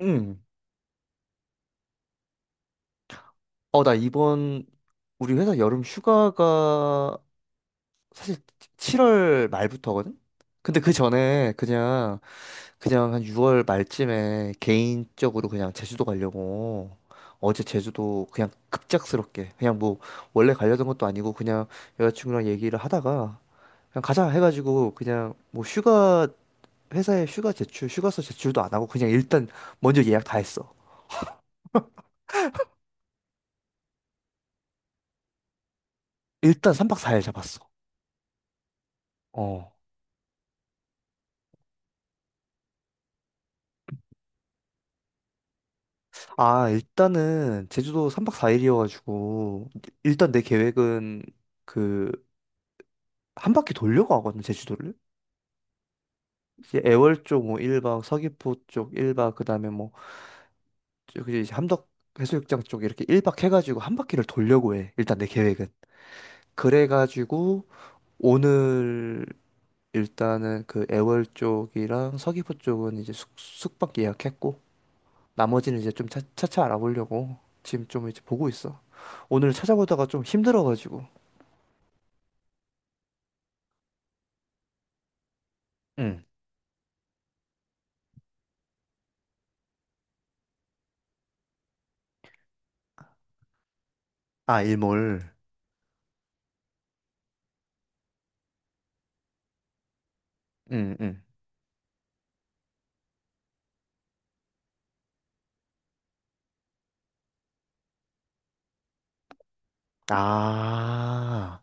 응. 나 이번 우리 회사 여름 휴가가 사실 7월 말부터거든? 근데 그 전에 그냥 한 6월 말쯤에 개인적으로 그냥 제주도 가려고 어제 제주도 그냥 급작스럽게 그냥 뭐 원래 가려던 것도 아니고 그냥 여자친구랑 얘기를 하다가 그냥 가자 해가지고 그냥 뭐 휴가 회사에 휴가 제출 휴가서 제출도 안 하고 그냥 일단 먼저 예약 다 했어. 일단 3박 4일 잡았어. 아, 일단은 제주도 3박 4일이어가지고 일단 내 계획은 그 한 바퀴 돌려고 하거든, 제주도를. 이제 애월 쪽 뭐 1박, 서귀포 쪽 1박, 그다음에 뭐 저기 이제 함덕 해수욕장 쪽 이렇게 1박 해가지고 한 바퀴를 돌려고 해. 일단 내 계획은. 그래가지고 오늘 일단은 그 애월 쪽이랑 서귀포 쪽은 이제 숙박 예약했고 나머지는 이제 좀 차차 알아보려고 지금 좀 이제 보고 있어. 오늘 찾아보다가 좀 힘들어가지고. 응. 아, 일몰. 응, 응. 아.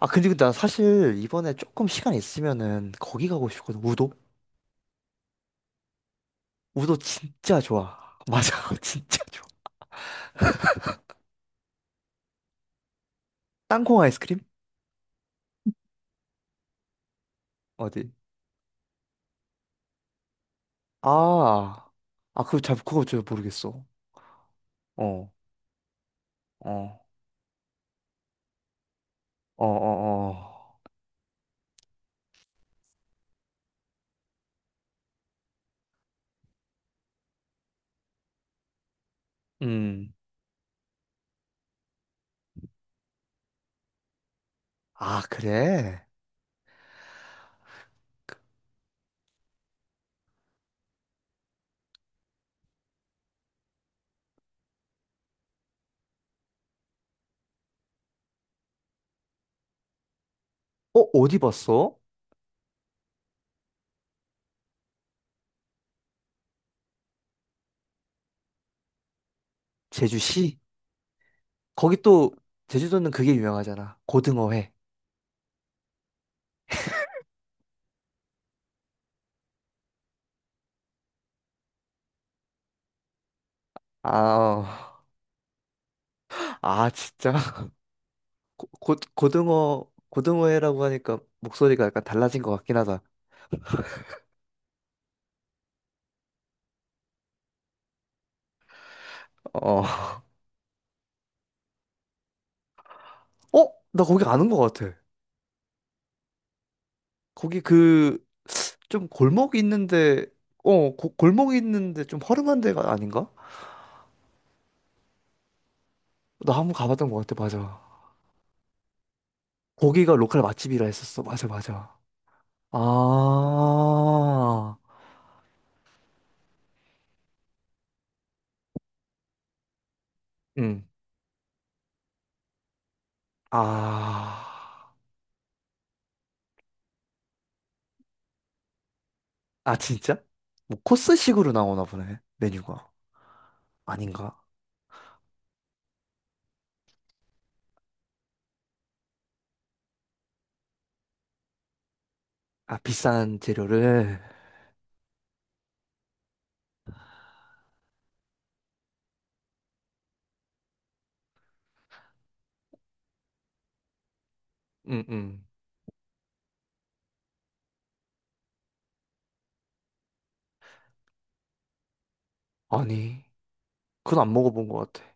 아, 근데 나 사실 이번에 조금 시간 있으면은 거기 가고 싶거든. 우도? 우도 진짜 좋아. 맞아. 진짜 좋아. 땅콩 아이스크림? 어디? 아. 아, 그거 잘 모르겠어. 어, 어, 어, 어, 어. 음. 아, 그래? 어, 어디 봤어? 제주시? 거기 또, 제주도는 그게 유명하잖아. 고등어회. 아, 어. 아, 진짜? 고등어회라고 하니까 목소리가 약간 달라진 것 같긴 하다. 어, 어, 나 거기 아는 것 같아. 거기 그 좀 골목이 있는데, 어, 골목이 있는데 좀 허름한 데가 아닌가? 나 한번 가봤던 것 같아. 맞아. 거기가 로컬 맛집이라 했었어. 맞아, 맞아. 아, 응. 아, 아 진짜? 뭐 코스식으로 나오나 보네 메뉴가 아닌가? 아 비싼 재료를. 응, 응. 아니. 그건 안 먹어본 것 같아.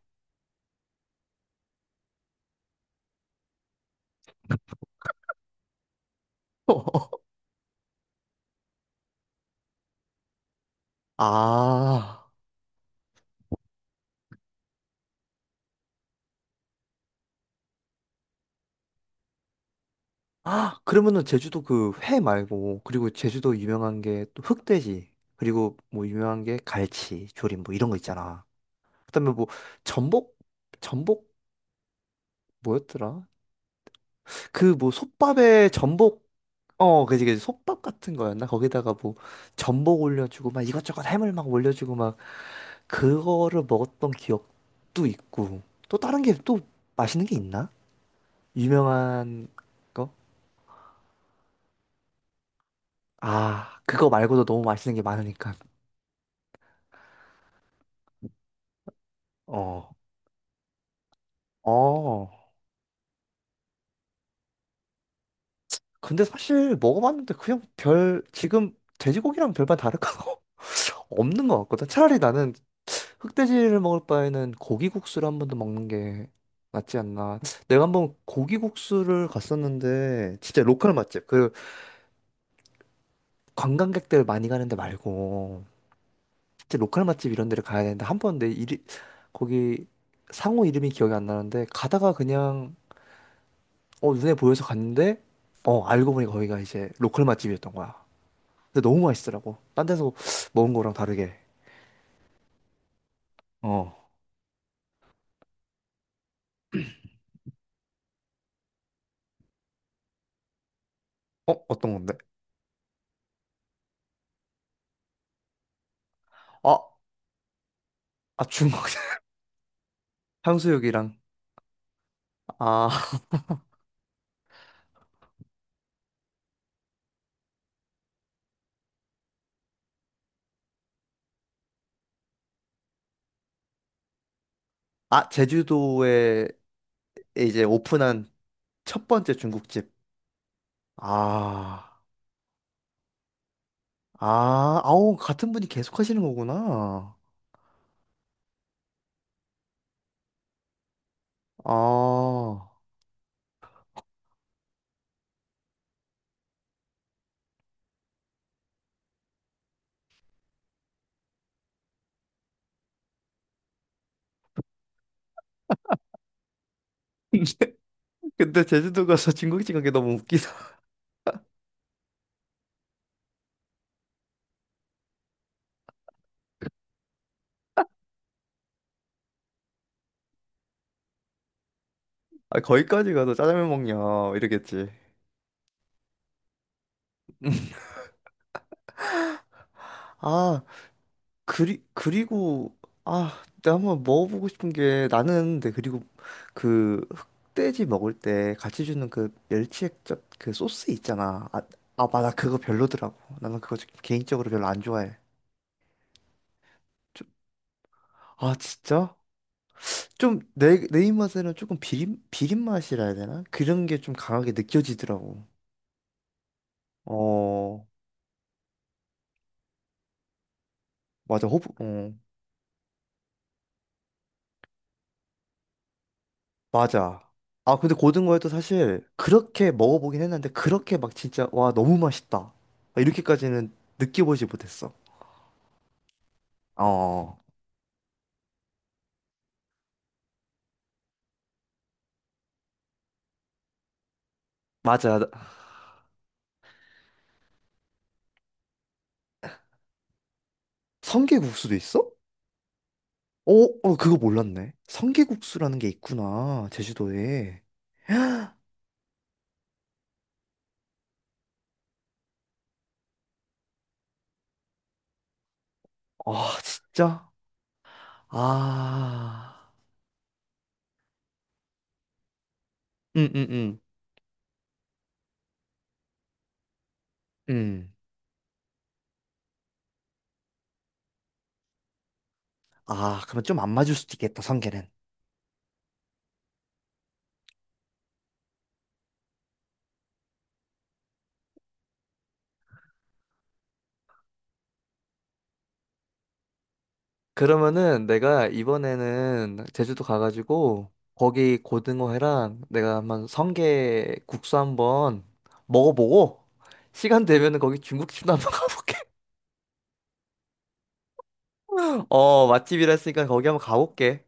아, 아, 그러면은 제주도 그 회 말고, 그리고 제주도 유명한 게 또 흑돼지, 그리고 뭐 유명한 게 갈치, 조림 뭐 이런 거 있잖아. 그다음에 뭐 전복, 전복 뭐였더라? 그 뭐 솥밥에 전복, 그지, 그지, 솥밥 같은 거였나? 거기다가 뭐 전복 올려주고 막 이것저것 해물 막 올려주고 막 그거를 먹었던 기억도 있고, 또 다른 게 또 맛있는 게 있나? 유명한 거? 아, 그거 말고도 너무 맛있는 게 많으니까. 어, 어. 근데 사실 먹어봤는데 그냥 지금 돼지고기랑 별반 다를 거 없는 것 같거든. 차라리 나는 흑돼지를 먹을 바에는 고기국수를 한 번 더 먹는 게 낫지 않나. 내가 한번 고기국수를 갔었는데, 진짜 로컬 맛집. 그 관광객들 많이 가는 데 말고, 진짜 로컬 맛집 이런 데를 가야 되는데, 한 번 내 이리, 거기 상호 이름이 기억이 안 나는데, 가다가 그냥 눈에 보여서 갔는데, 알고 보니 거기가 이제 로컬 맛집이었던 거야. 근데 너무 맛있더라고. 딴 데서 먹은 거랑 다르게. 어. 어떤 건데? 아, 아, 중국 향수육이랑. 아, 아, 제주도에 이제 오픈한 첫 번째 중국집. 아, 아, 아우, 같은 분이 계속 하시는 거구나. 아. 근데 제주도 가서 중국집 간 게 너무 웃기다. 아, 거기까지 가서 짜장면 먹냐, 이러겠지. 아, 그리고 아 내가 한번 먹어보고 싶은 게 나는 근데 그리고 그 흑돼지 먹을 때 같이 주는 그 멸치액젓 그 소스 있잖아 아, 아, 맞아 그거 별로더라고 나는 그거 좀 개인적으로 별로 안 좋아해 좀, 아 진짜? 좀 내 입맛에는 조금 비린 비린 맛이라 해야 되나? 그런 게 좀 강하게 느껴지더라고 어 맞아 호불 어. 맞아. 아, 근데 고등어에도 사실 그렇게 먹어보긴 했는데 그렇게 막 진짜 와, 너무 맛있다. 아, 이렇게까지는 느껴보지 못했어. 어, 어. 맞아. 성게국수도 있어? 어, 어, 그거 몰랐네. 성게국수라는 게 있구나. 제주도에. 아, 진짜? 아. 음, 음, 음. 응. 아, 그러면 좀 안 맞을 수도 있겠다, 성게는. 그러면은 내가 이번에는 제주도 가가지고 거기 고등어회랑 내가 한번 성게 국수 한번 먹어보고 시간 되면은 거기 중국집도 한번 가볼게. 어, 맛집이라 했으니까 거기 한번 가볼게.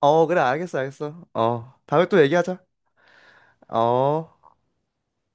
어, 그래, 알겠어, 알겠어. 어, 다음에 또 얘기하자. 어.